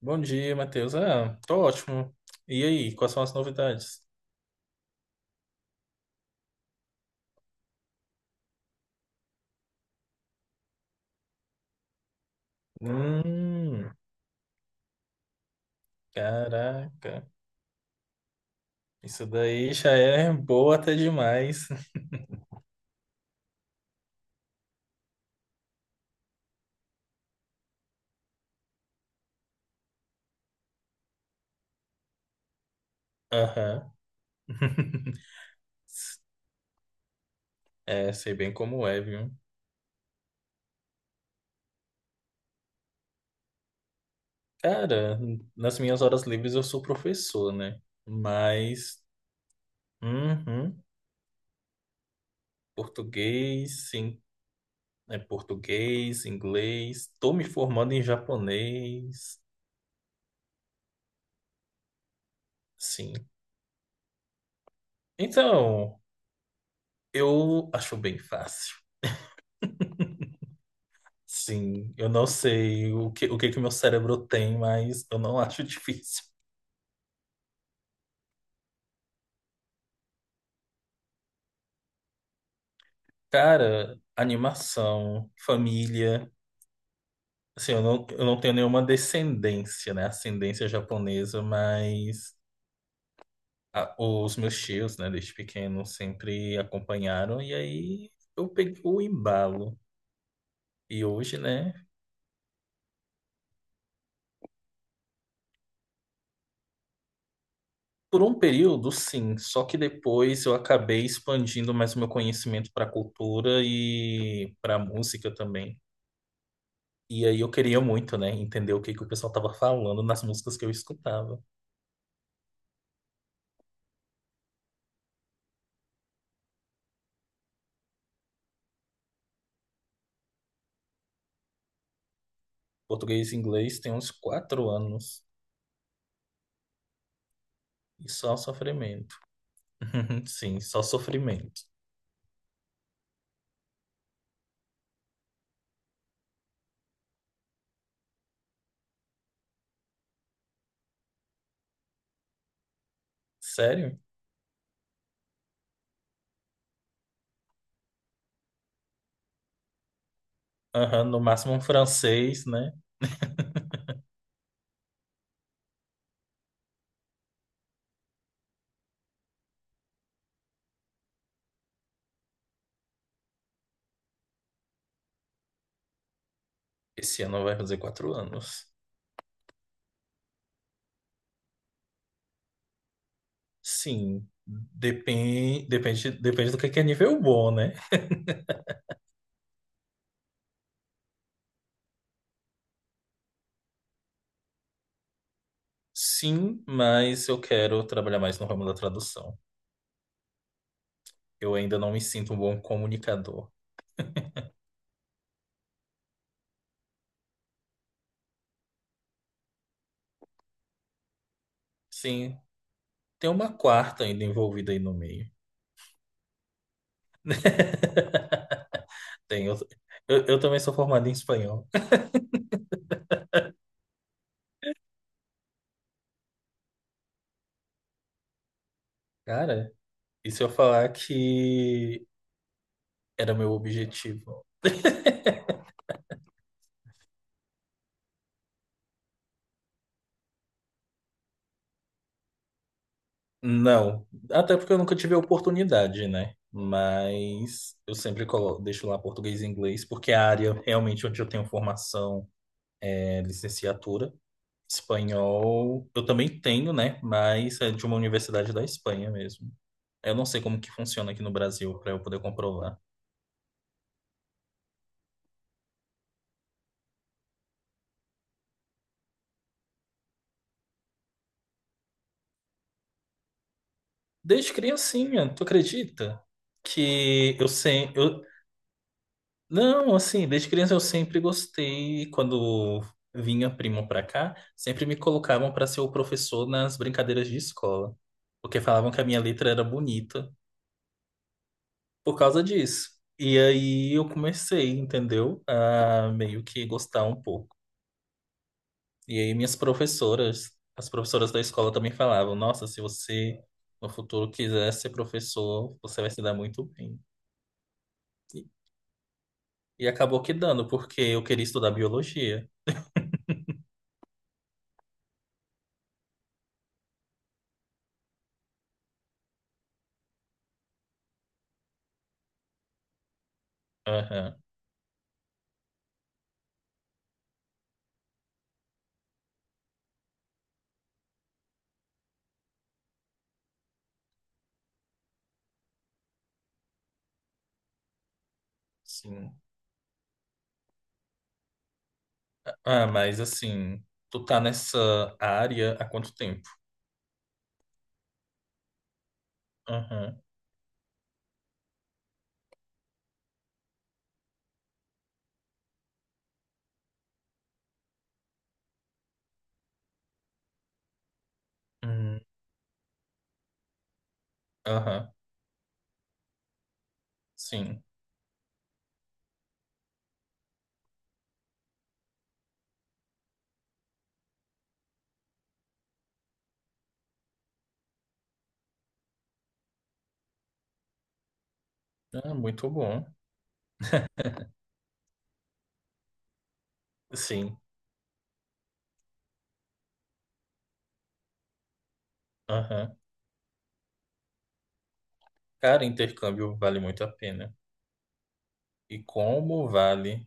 Bom dia, Matheus. Ah, tô ótimo. E aí, quais são as novidades? Hum, caraca. Isso daí já é boa até demais. Aham. É, sei bem como é, viu? Cara, nas minhas horas livres eu sou professor, né? Mas, uhum, português, sim, é português, inglês. Tô me formando em japonês, sim. Então, eu acho bem fácil. Sim, eu não sei o que que meu cérebro tem, mas eu não acho difícil. Cara, animação, família. Assim, eu não tenho nenhuma descendência, né? Ascendência japonesa, mas os meus tios, né, desde pequeno, sempre acompanharam. E aí eu peguei o embalo. E hoje, né? Por um período, sim. Só que depois eu acabei expandindo mais o meu conhecimento para a cultura e para a música também. E aí eu queria muito, né, entender o que que o pessoal tava falando nas músicas que eu escutava. Português e inglês tem uns 4 anos e só sofrimento. Sim, só sofrimento. Sério? Aham, no máximo um francês, né? Esse ano vai fazer 4 anos. Sim, depende do que é nível bom, né? Sim, mas eu quero trabalhar mais no ramo da tradução. Eu ainda não me sinto um bom comunicador. Sim, tem uma quarta ainda envolvida aí no meio. Tem, eu também sou formado em espanhol. Cara, e se eu falar que era meu objetivo? Não, até porque eu nunca tive a oportunidade, né? Mas eu sempre deixo lá português e inglês, porque é a área realmente onde eu tenho formação é licenciatura. Espanhol eu também tenho, né? Mas é de uma universidade da Espanha mesmo. Eu não sei como que funciona aqui no Brasil para eu poder comprovar. Desde criancinha, tu acredita? Que eu sempre. Não, assim, desde criança eu sempre gostei. Quando vinha primo pra cá, sempre me colocavam pra ser o professor nas brincadeiras de escola. Porque falavam que a minha letra era bonita por causa disso. E aí eu comecei, entendeu? A meio que gostar um pouco. E aí minhas professoras, as professoras da escola também falavam: Nossa, se você no futuro quiser ser professor, você vai se dar muito bem. E acabou que dando, porque eu queria estudar biologia. Aham, sim. Ah, mas assim, tu tá nessa área há quanto tempo? Aham, hum, aham, sim. Ah, muito bom. Sim, aham. Cara, intercâmbio vale muito a pena. E como vale?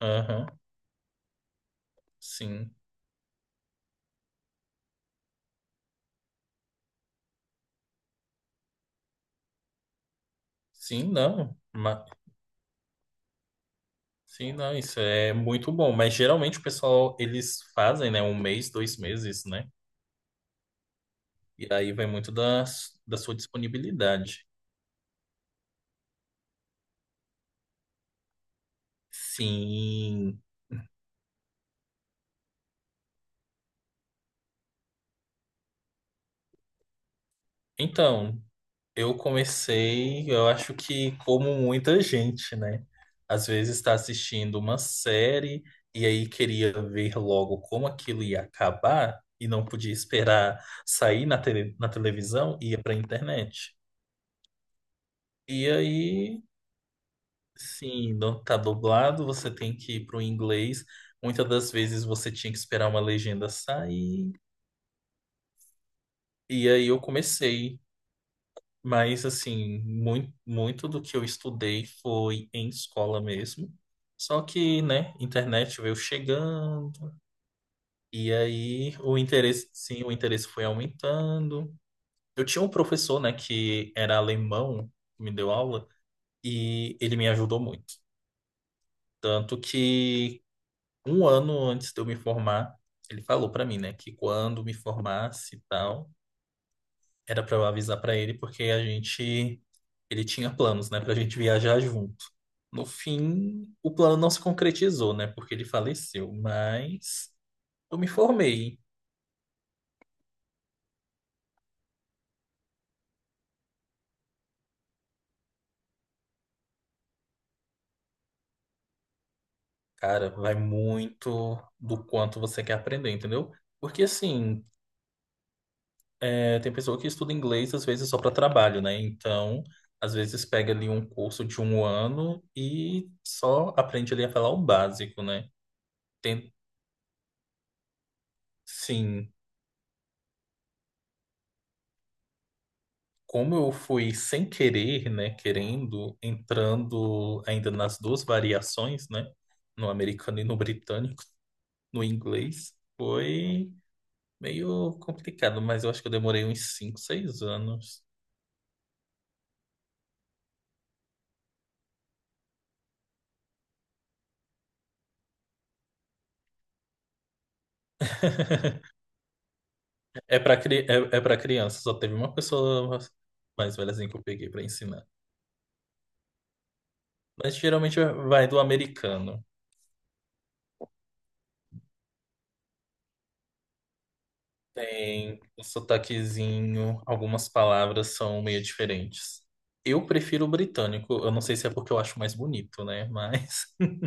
Aham, sim. Sim, não. Ma- Sim, não, isso é muito bom. Mas geralmente o pessoal, eles fazem, né, 1 mês, 2 meses, né? E aí vai muito da sua disponibilidade. Sim. Então, eu comecei, eu acho que como muita gente, né? Às vezes está assistindo uma série e aí queria ver logo como aquilo ia acabar e não podia esperar sair na televisão, ia para a internet. E aí, sim, não tá dublado, você tem que ir para o inglês. Muitas das vezes você tinha que esperar uma legenda sair. E aí eu comecei. Mas, assim, muito, muito do que eu estudei foi em escola mesmo. Só que, né, internet veio chegando, e aí o interesse, sim, o interesse foi aumentando. Eu tinha um professor, né, que era alemão, que me deu aula, e ele me ajudou muito. Tanto que 1 ano antes de eu me formar, ele falou pra mim, né, que quando me formasse e tal, era para eu avisar para ele porque a gente ele tinha planos, né, pra gente viajar junto. No fim, o plano não se concretizou, né, porque ele faleceu, mas eu me formei. Cara, vai muito do quanto você quer aprender, entendeu? Porque assim, é, tem pessoa que estuda inglês às vezes só para trabalho, né? Então, às vezes pega ali um curso de 1 ano e só aprende ali a falar o básico, né? Tem, sim. Como eu fui sem querer, né, querendo, entrando ainda nas duas variações, né, no americano e no britânico, no inglês, foi meio complicado, mas eu acho que eu demorei uns 5, 6 anos. É para criança, só teve uma pessoa mais velhazinha que eu peguei para ensinar. Mas geralmente vai do americano. Tem o sotaquezinho, algumas palavras são meio diferentes. Eu prefiro o britânico, eu não sei se é porque eu acho mais bonito, né? Mas.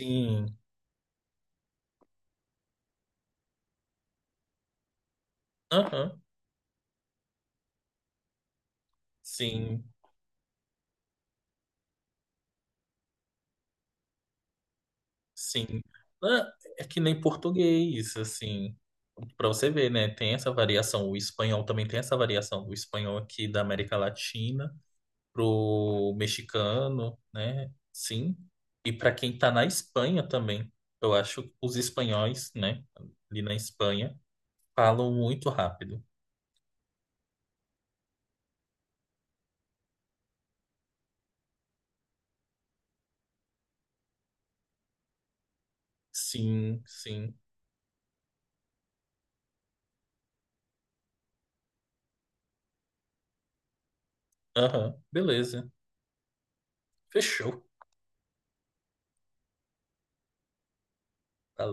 Sim, aham, sim, sim. Ah, é que nem português, assim. Pra você ver, né? Tem essa variação. O espanhol também tem essa variação. O espanhol aqui da América Latina. Pro mexicano, né? Sim. E para quem tá na Espanha também. Eu acho que os espanhóis, né? Ali na Espanha, falam muito rápido. Sim, sim. Aham, beleza. Fechou. Valeu.